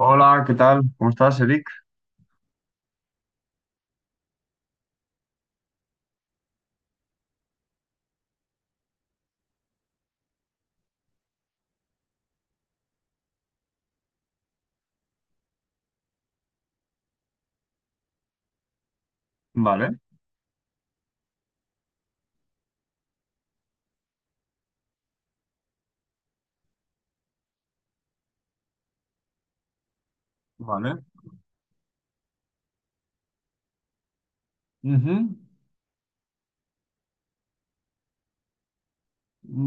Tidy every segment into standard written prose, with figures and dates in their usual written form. Hola, ¿qué tal? ¿Cómo estás, Eric? Vale, vale. Ujú.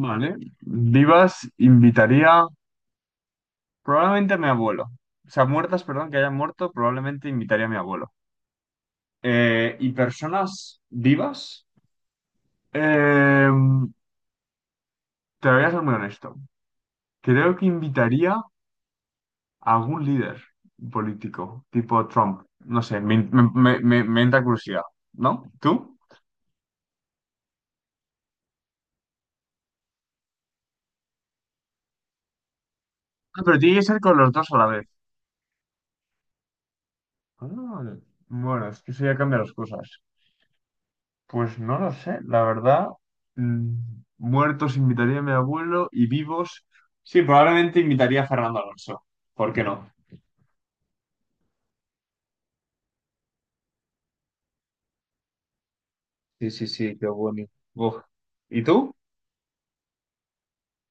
Vale. Vivas, invitaría probablemente a mi abuelo. O sea, muertas, perdón, que hayan muerto, probablemente invitaría a mi abuelo. ¿Y personas vivas? Eh, Te voy a ser muy honesto. Creo que invitaría a algún líder político, tipo Trump. No sé, me entra curiosidad, ¿no? ¿Tú? Ah, pero tiene que ser con los dos a la vez. Ah, bueno, es que eso ya cambia las cosas. Pues no lo sé, la verdad. mm, Muertos invitaría a mi abuelo y vivos. Sí, probablemente invitaría a Fernando Alonso. ¿Por qué no? Sí, sí, sí, qué bonito. Uf. ¿Y tú?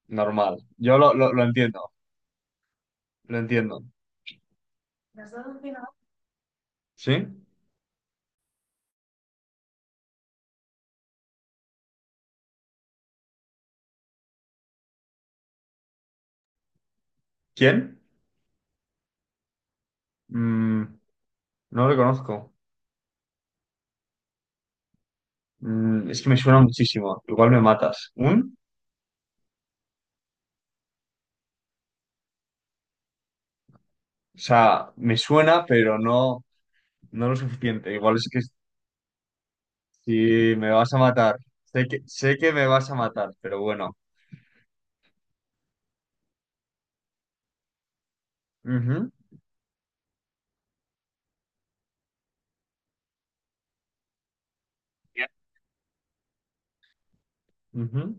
Normal. Yo lo entiendo, lo entiendo. ¿Sí? ¿Quién? Mm, no lo conozco. Mm, es que me suena muchísimo. Igual me matas. ¿Un? O sea, me suena, pero no, no lo suficiente. Igual es que sí, me vas a matar. Sé que me vas a matar, pero bueno. Ujú. Ya. Ujú.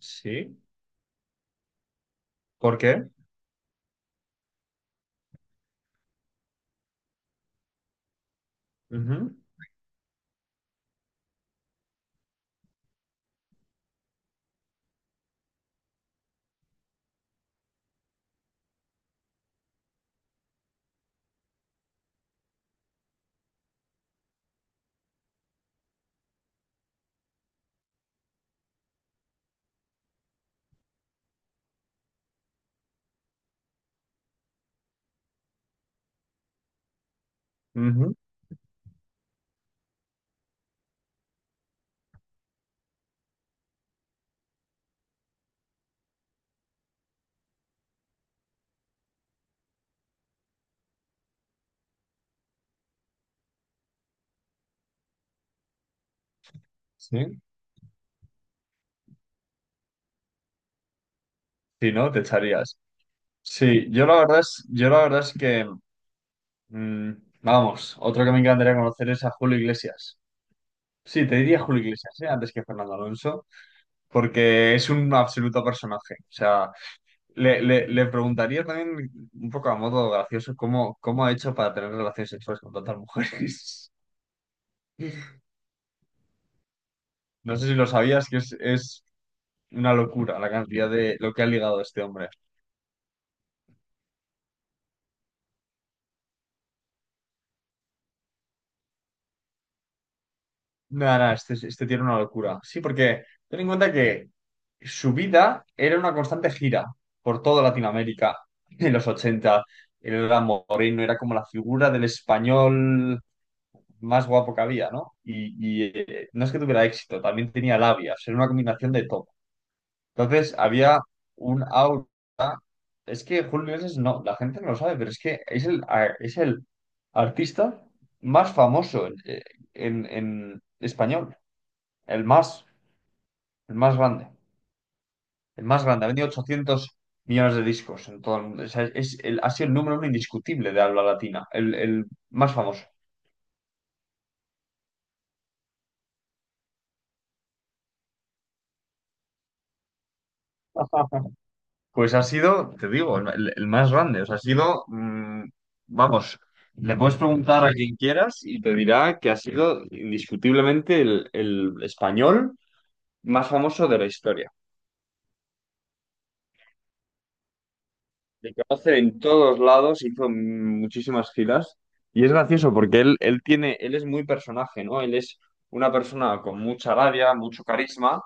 Sí. ¿Por qué? Ujú. Ujú. Sí. Si no, te echarías. Yo la verdad es que, mm, vamos, otro que me encantaría conocer es a Julio Iglesias. Sí, te diría Julio Iglesias, ¿eh? Antes que Fernando Alonso, porque es un absoluto personaje. O sea, le preguntaría también, un poco a modo gracioso, cómo, cómo ha hecho para tener relaciones sexuales con tantas mujeres. No sé si lo sabías, que es una locura la cantidad de lo que ha ligado este hombre. Nada, nada, este tiene una locura. Sí, porque ten en cuenta que su vida era una constante gira por toda Latinoamérica en los ochenta. Él era moreno, era como la figura del español más guapo que había, ¿no? Y no es que tuviera éxito, también tenía labias, era una combinación de todo. Entonces había un aura. Es que Julio Iglesias no, la gente no lo sabe, pero es que es el artista más famoso en español, el más, el más grande, el más grande. Ha vendido 800 millones de discos en todo el mundo. O sea, ha sido el número uno indiscutible de habla latina, el más famoso. Pues ha sido, te digo, el más grande. O sea, ha sido, vamos, le puedes preguntar a quien quieras y te dirá que ha sido indiscutiblemente el español más famoso de la historia. Le conocen en todos lados, hizo muchísimas giras. Y es gracioso porque él tiene, él es muy personaje, ¿no? Él es una persona con mucha labia, mucho carisma.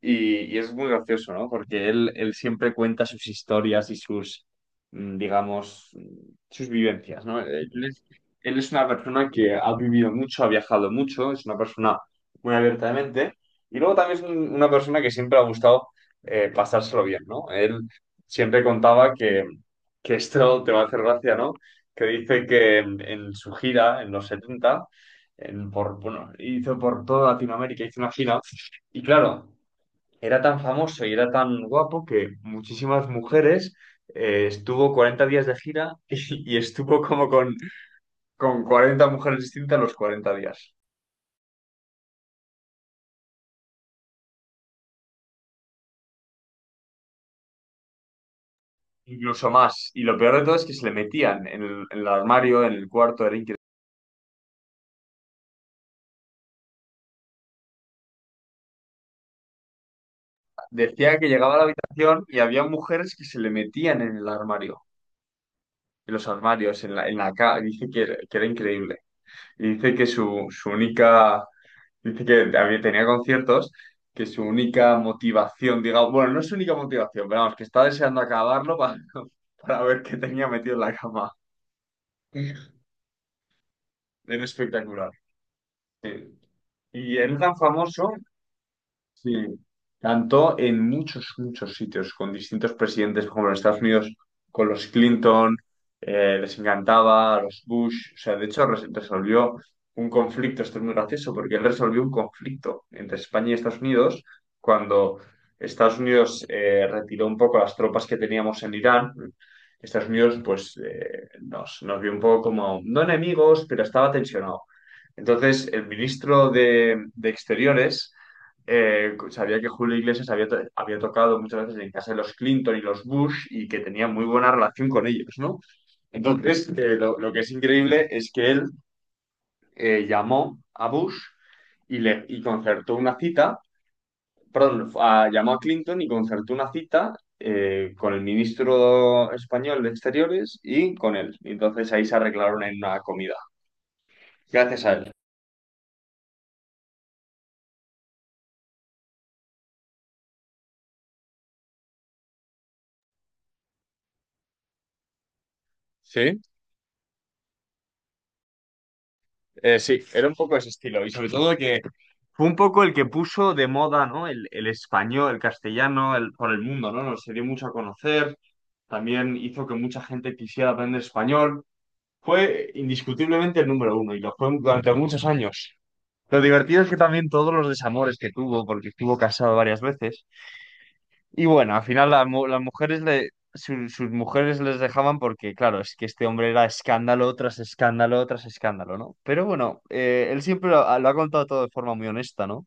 Y es muy gracioso, ¿no? Porque él siempre cuenta sus historias y sus, digamos, sus vivencias, ¿no? Él es una persona que ha vivido mucho, ha viajado mucho, es una persona muy abierta de mente y luego también es una persona que siempre ha gustado pasárselo bien, ¿no? Él siempre contaba que esto te va a hacer gracia, ¿no? Que dice que en su gira, en los 70 bueno, hizo por toda Latinoamérica, hizo una gira y claro era tan famoso y era tan guapo que muchísimas mujeres estuvo 40 días de gira y estuvo como con 40 mujeres distintas los 40 días, incluso más. Y lo peor de todo es que se le metían en el armario, en el cuarto, era increíble. Decía que llegaba a la habitación y había mujeres que se le metían en el armario. En los armarios, en la dice que era increíble. Y dice que su única dice que tenía conciertos que su única motivación, digamos, bueno, no es su única motivación, pero vamos, que está deseando acabarlo para, para ver qué tenía metido en la cama. Era espectacular. Sí. Y era tan famoso. Sí, cantó en muchos, muchos sitios con distintos presidentes, por ejemplo, en Estados Unidos con los Clinton, les encantaba, a los Bush, o sea, de hecho resolvió un conflicto, esto es muy gracioso, porque él resolvió un conflicto entre España y Estados Unidos cuando Estados Unidos retiró un poco las tropas que teníamos en Irán. Estados Unidos, pues, nos vio un poco como, no enemigos, pero estaba tensionado. Entonces, el ministro de Exteriores sabía que Julio Iglesias había tocado muchas veces en casa de los Clinton y los Bush y que tenía muy buena relación con ellos, ¿no? Entonces, lo que es increíble es que él llamó a Bush y concertó una cita, perdón, llamó a Clinton y concertó una cita con el ministro español de Exteriores y con él. Y entonces ahí se arreglaron en una comida, gracias a él. ¿Sí? Sí, era un poco ese estilo. Y sobre todo que fue un poco el que puso de moda, ¿no? El español, el castellano, el, por el mundo, ¿no? Nos se dio mucho a conocer. También hizo que mucha gente quisiera aprender español. Fue indiscutiblemente el número uno y lo fue durante muchos años. Lo divertido es que también todos los desamores que tuvo, porque estuvo casado varias veces, y bueno, al final las mujeres sus mujeres les dejaban porque, claro, es que este hombre era escándalo tras escándalo tras escándalo, ¿no? Pero bueno, él siempre ha lo ha contado todo de forma muy honesta, ¿no?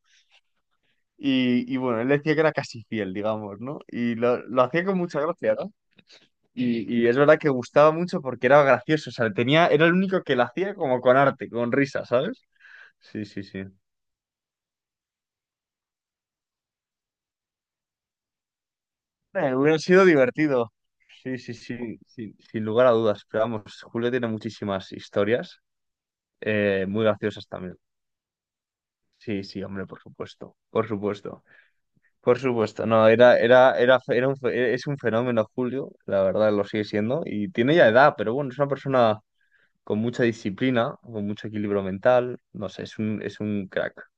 Y bueno, él decía que era casi fiel, digamos, ¿no? Y lo hacía con mucha gracia, ¿no? Y es verdad que gustaba mucho porque era gracioso, o sea, tenía, era el único que lo hacía como con arte, con risa, ¿sabes? Sí, sí, sí. Hubiera sido divertido. Sí, sí, sí, sin, sin lugar a dudas. Pero vamos, Julio tiene muchísimas historias. Muy graciosas también. Sí, sí, hombre, por supuesto, por supuesto, por supuesto. No, era, era, era, fe- era un fe- es un fenómeno, Julio, la verdad lo sigue siendo, y tiene ya edad, pero bueno, es una persona con mucha disciplina, con mucho equilibrio mental, no sé, es es un crack.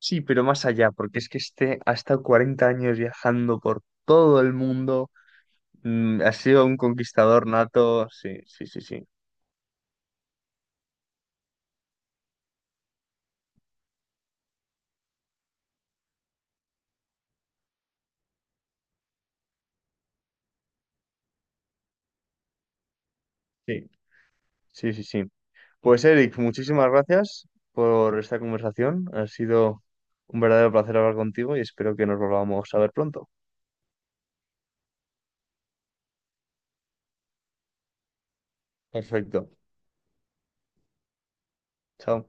Sí, pero más allá, porque es que este ha estado 40 años viajando por todo el mundo, ha sido un conquistador nato, sí, sí, sí, sí, sí, sí, sí, sí. Pues Eric, muchísimas gracias por esta conversación. Ha sido un verdadero placer hablar contigo y espero que nos volvamos a ver pronto. Perfecto. Chao.